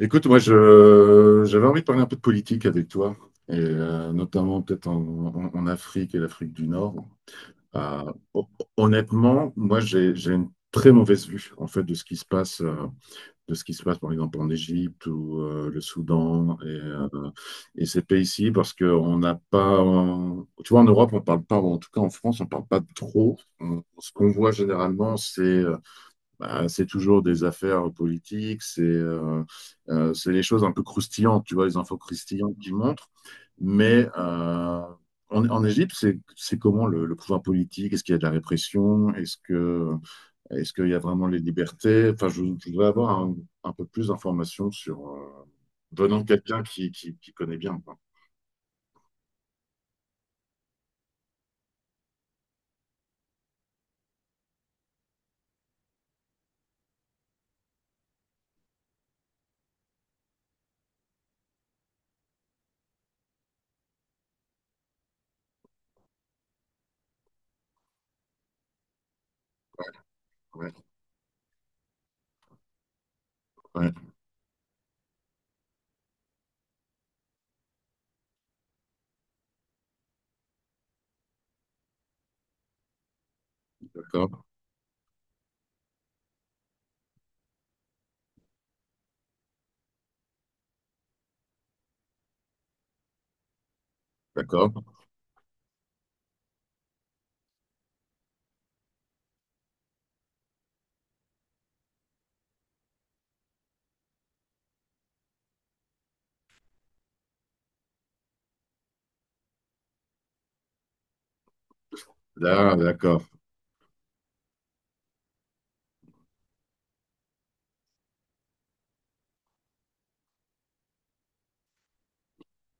Écoute, moi, j'avais envie de parler un peu de politique avec toi, et notamment peut-être en Afrique et l'Afrique du Nord. Euh, hon- honnêtement, moi, j'ai une très mauvaise vue, en fait, de ce qui se passe, de ce qui se passe, par exemple, en Égypte ou le Soudan et et ces pays-ci, parce qu'on n'a pas, tu vois, en Europe, on parle pas, ou en tout cas en France, on parle pas trop. Ce qu'on voit généralement, c'est bah, c'est toujours des affaires politiques, c'est les choses un peu croustillantes, tu vois, les infos croustillantes qui montrent. Mais en Égypte, c'est comment le pouvoir politique? Est-ce qu'il y a de la répression? Est-ce qu'il y a vraiment les libertés? Enfin, je voudrais avoir un peu plus d'informations sur venant de quelqu'un qui connaît bien. Quoi. Ouais, ouais, d'accord, d'accord. Là, d'accord.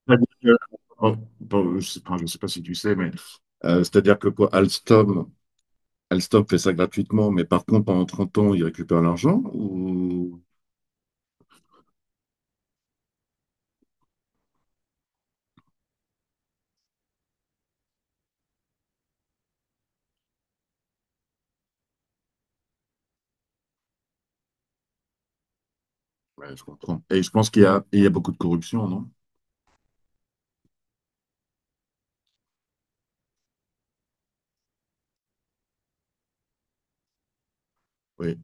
C'est-à-dire que- bon, je sais pas si tu sais, mais c'est-à-dire que quoi, Alstom. Alstom fait ça gratuitement, mais par contre, pendant 30 ans, ils récupèrent l'argent ou... Ouais, je comprends. Et je pense qu'il y a beaucoup de corruption, non? Oui,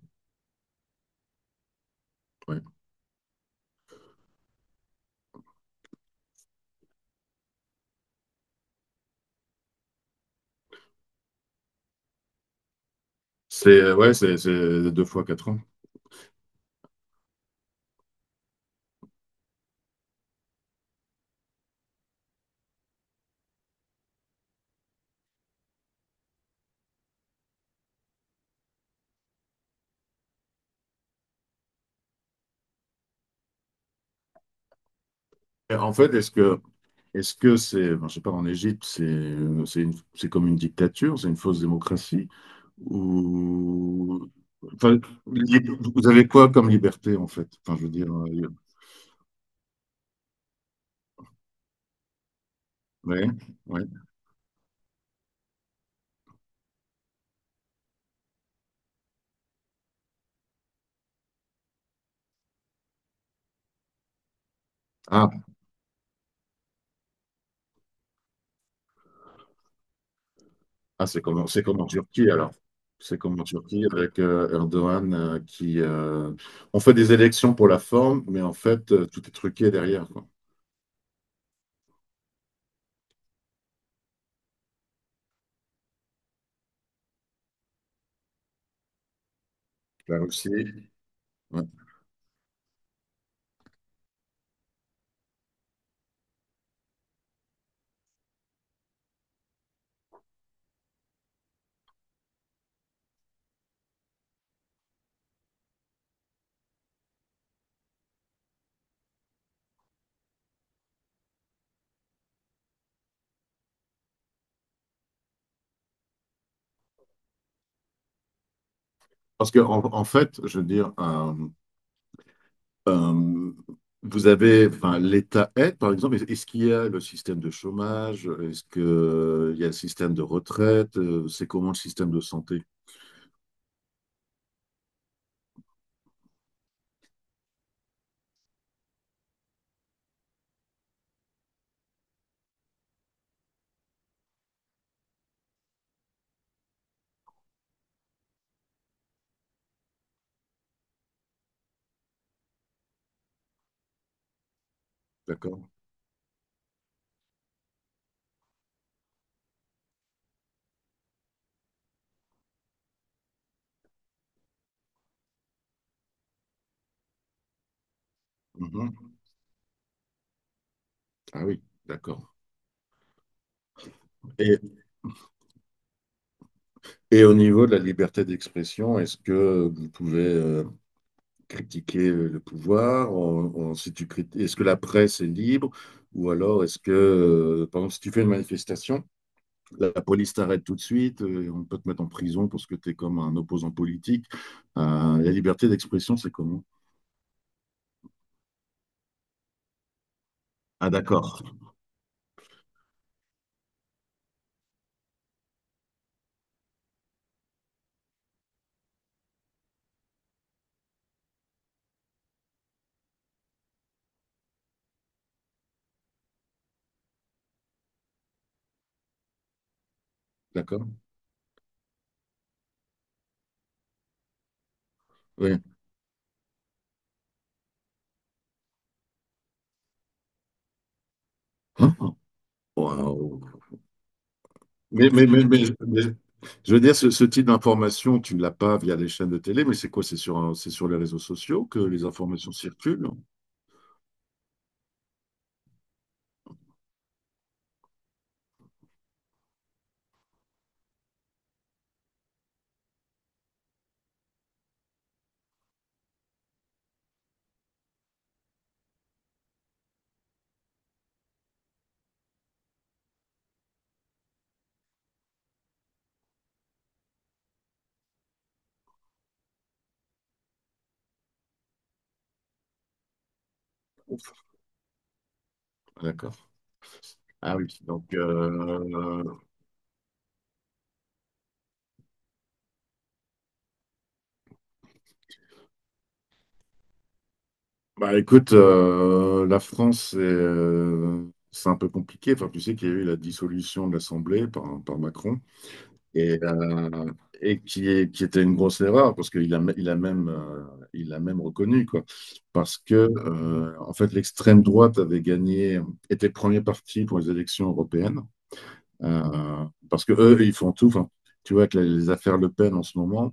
oui. C'est ouais, c'est deux fois quatre ans. Et en fait, est-ce que c'est, ben, je sais pas, en Égypte, c'est comme une dictature, c'est une fausse démocratie ou enfin, li- vous avez quoi comme liberté en fait? Enfin, je veux dire, ouais, ouais. Ah, Ah, c'est comme en Turquie alors. C'est comme en Turquie avec Erdogan qui... on fait des élections pour la forme, mais en fait, tout est truqué derrière, quoi. La Russie. Ouais. Parce que en fait, je veux dire, Euh, vous avez, enfin, l'État aide, par exemple, est-ce qu'il y a le système de chômage? Est-ce qu'il y a le système de retraite? C'est comment le système de santé? D'accord? Mhm. Ah oui, d'accord. Et, Et au niveau de la liberté d'expression, est-ce que vous pouvez critiquer le pouvoir? Si est-ce que la presse est libre? Ou alors est-ce que, par exemple, si tu fais une manifestation, la police t'arrête tout de suite, on peut te mettre en prison parce que tu es comme un opposant politique. La liberté d'expression, c'est comment? Ah, d'accord. D'accord? Oui. Ah, waouh. Mais, mais, mais, mais, mais- je veux dire, ce type d'information, tu ne l'as pas via les chaînes de télé, mais c'est quoi? C'est sur les réseaux sociaux que les informations circulent? Ouf, d'accord. Ah oui, donc... Bah écoute, la France, c'est un peu compliqué. Enfin, tu sais qu'il y a eu la dissolution de l'Assemblée par Macron et, euh, et qui était une grosse erreur parce qu'il a même reconnu quoi. Parce que en fait, l'extrême droite avait gagné, était premier parti pour les élections européennes euh, parce que eux, ils font tout. Enfin, tu vois, avec les affaires Le Pen en ce moment.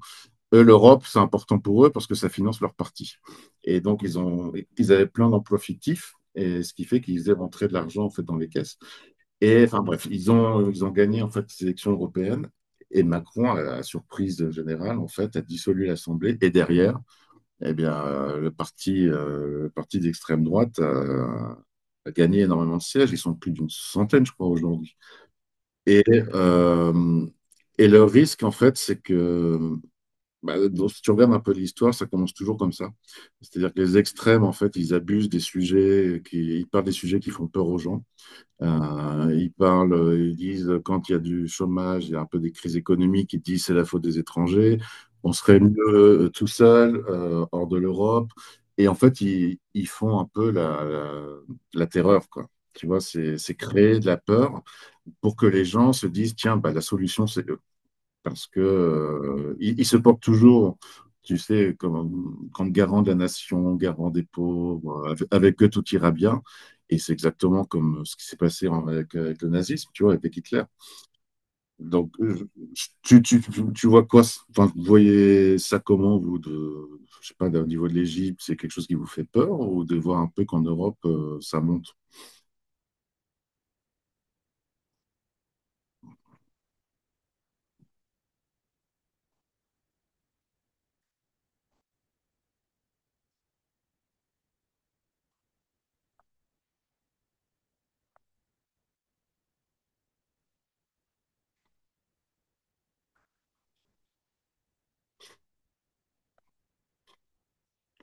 Eux, l'Europe, c'est important pour eux parce que ça finance leur parti. Et donc, ils avaient plein d'emplois fictifs et ce qui fait qu'ils faisaient rentrer de l'argent en fait dans les caisses. Et enfin bref, ils ont gagné en fait les élections européennes et Macron, à la surprise générale, en fait, a dissolu l'Assemblée et derrière, eh bien, le parti d'extrême droite a gagné énormément de sièges. Ils sont plus d'une centaine, je crois, aujourd'hui. Et, euh, et le risque, en fait, c'est que bah, si tu regardes un peu l'histoire, ça commence toujours comme ça. C'est-à-dire que les extrêmes, en fait, ils parlent des sujets qui font peur aux gens. Ils disent quand il y a du chômage, il y a un peu des crises économiques, ils disent c'est la faute des étrangers, on serait mieux tout seul, hors de l'Europe. Et en fait, ils font un peu la terreur, quoi. Tu vois, c'est créer de la peur pour que les gens se disent, tiens, bah, la solution, c'est eux parce que il se porte toujours, tu sais, comme garant de la nation, garant des pauvres, avec eux tout ira bien. Et c'est exactement comme ce qui s'est passé avec le nazisme, tu vois, avec Hitler. Donc, vois quoi, enfin, vous voyez ça comment, vous, de, je sais pas, au niveau de l'Égypte, c'est quelque chose qui vous fait peur ou de voir un peu qu'en Europe, ça monte?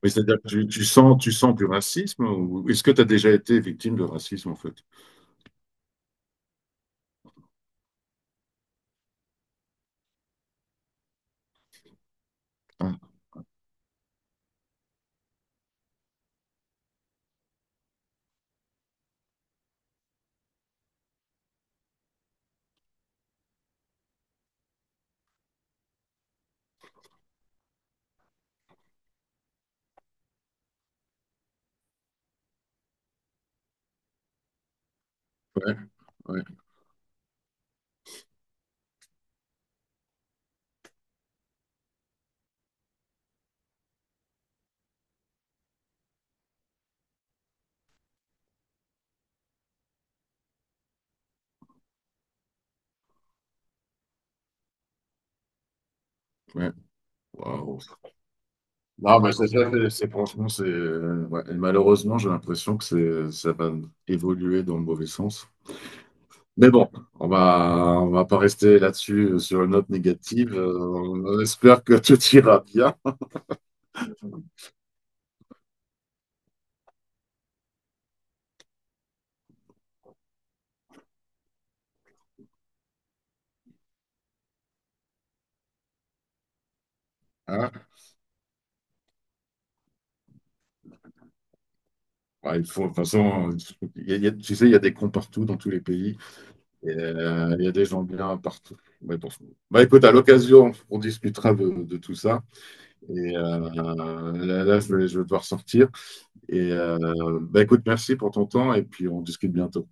Oui, c'est-à-dire que tu sens du racisme ou est-ce que tu as déjà été victime de racisme, en fait? Ah, ouais, ouais, ouais. Waouh. Non, mais c'est ça, franchement, c'est. Ouais. Et malheureusement, j'ai l'impression que c'est, ça va évoluer dans le mauvais sens. Mais bon, on va pas rester là-dessus sur une note négative. On espère que tout ira bien. Hein. Ouais, il faut, de toute façon, tu sais, il y a des cons partout dans tous les pays. Et, il y a des gens bien partout. Ouais, bon. Bah, écoute, à l'occasion, on discutera de tout ça. Et là, je vais devoir sortir. Et bah, écoute, merci pour ton temps et puis on discute bientôt.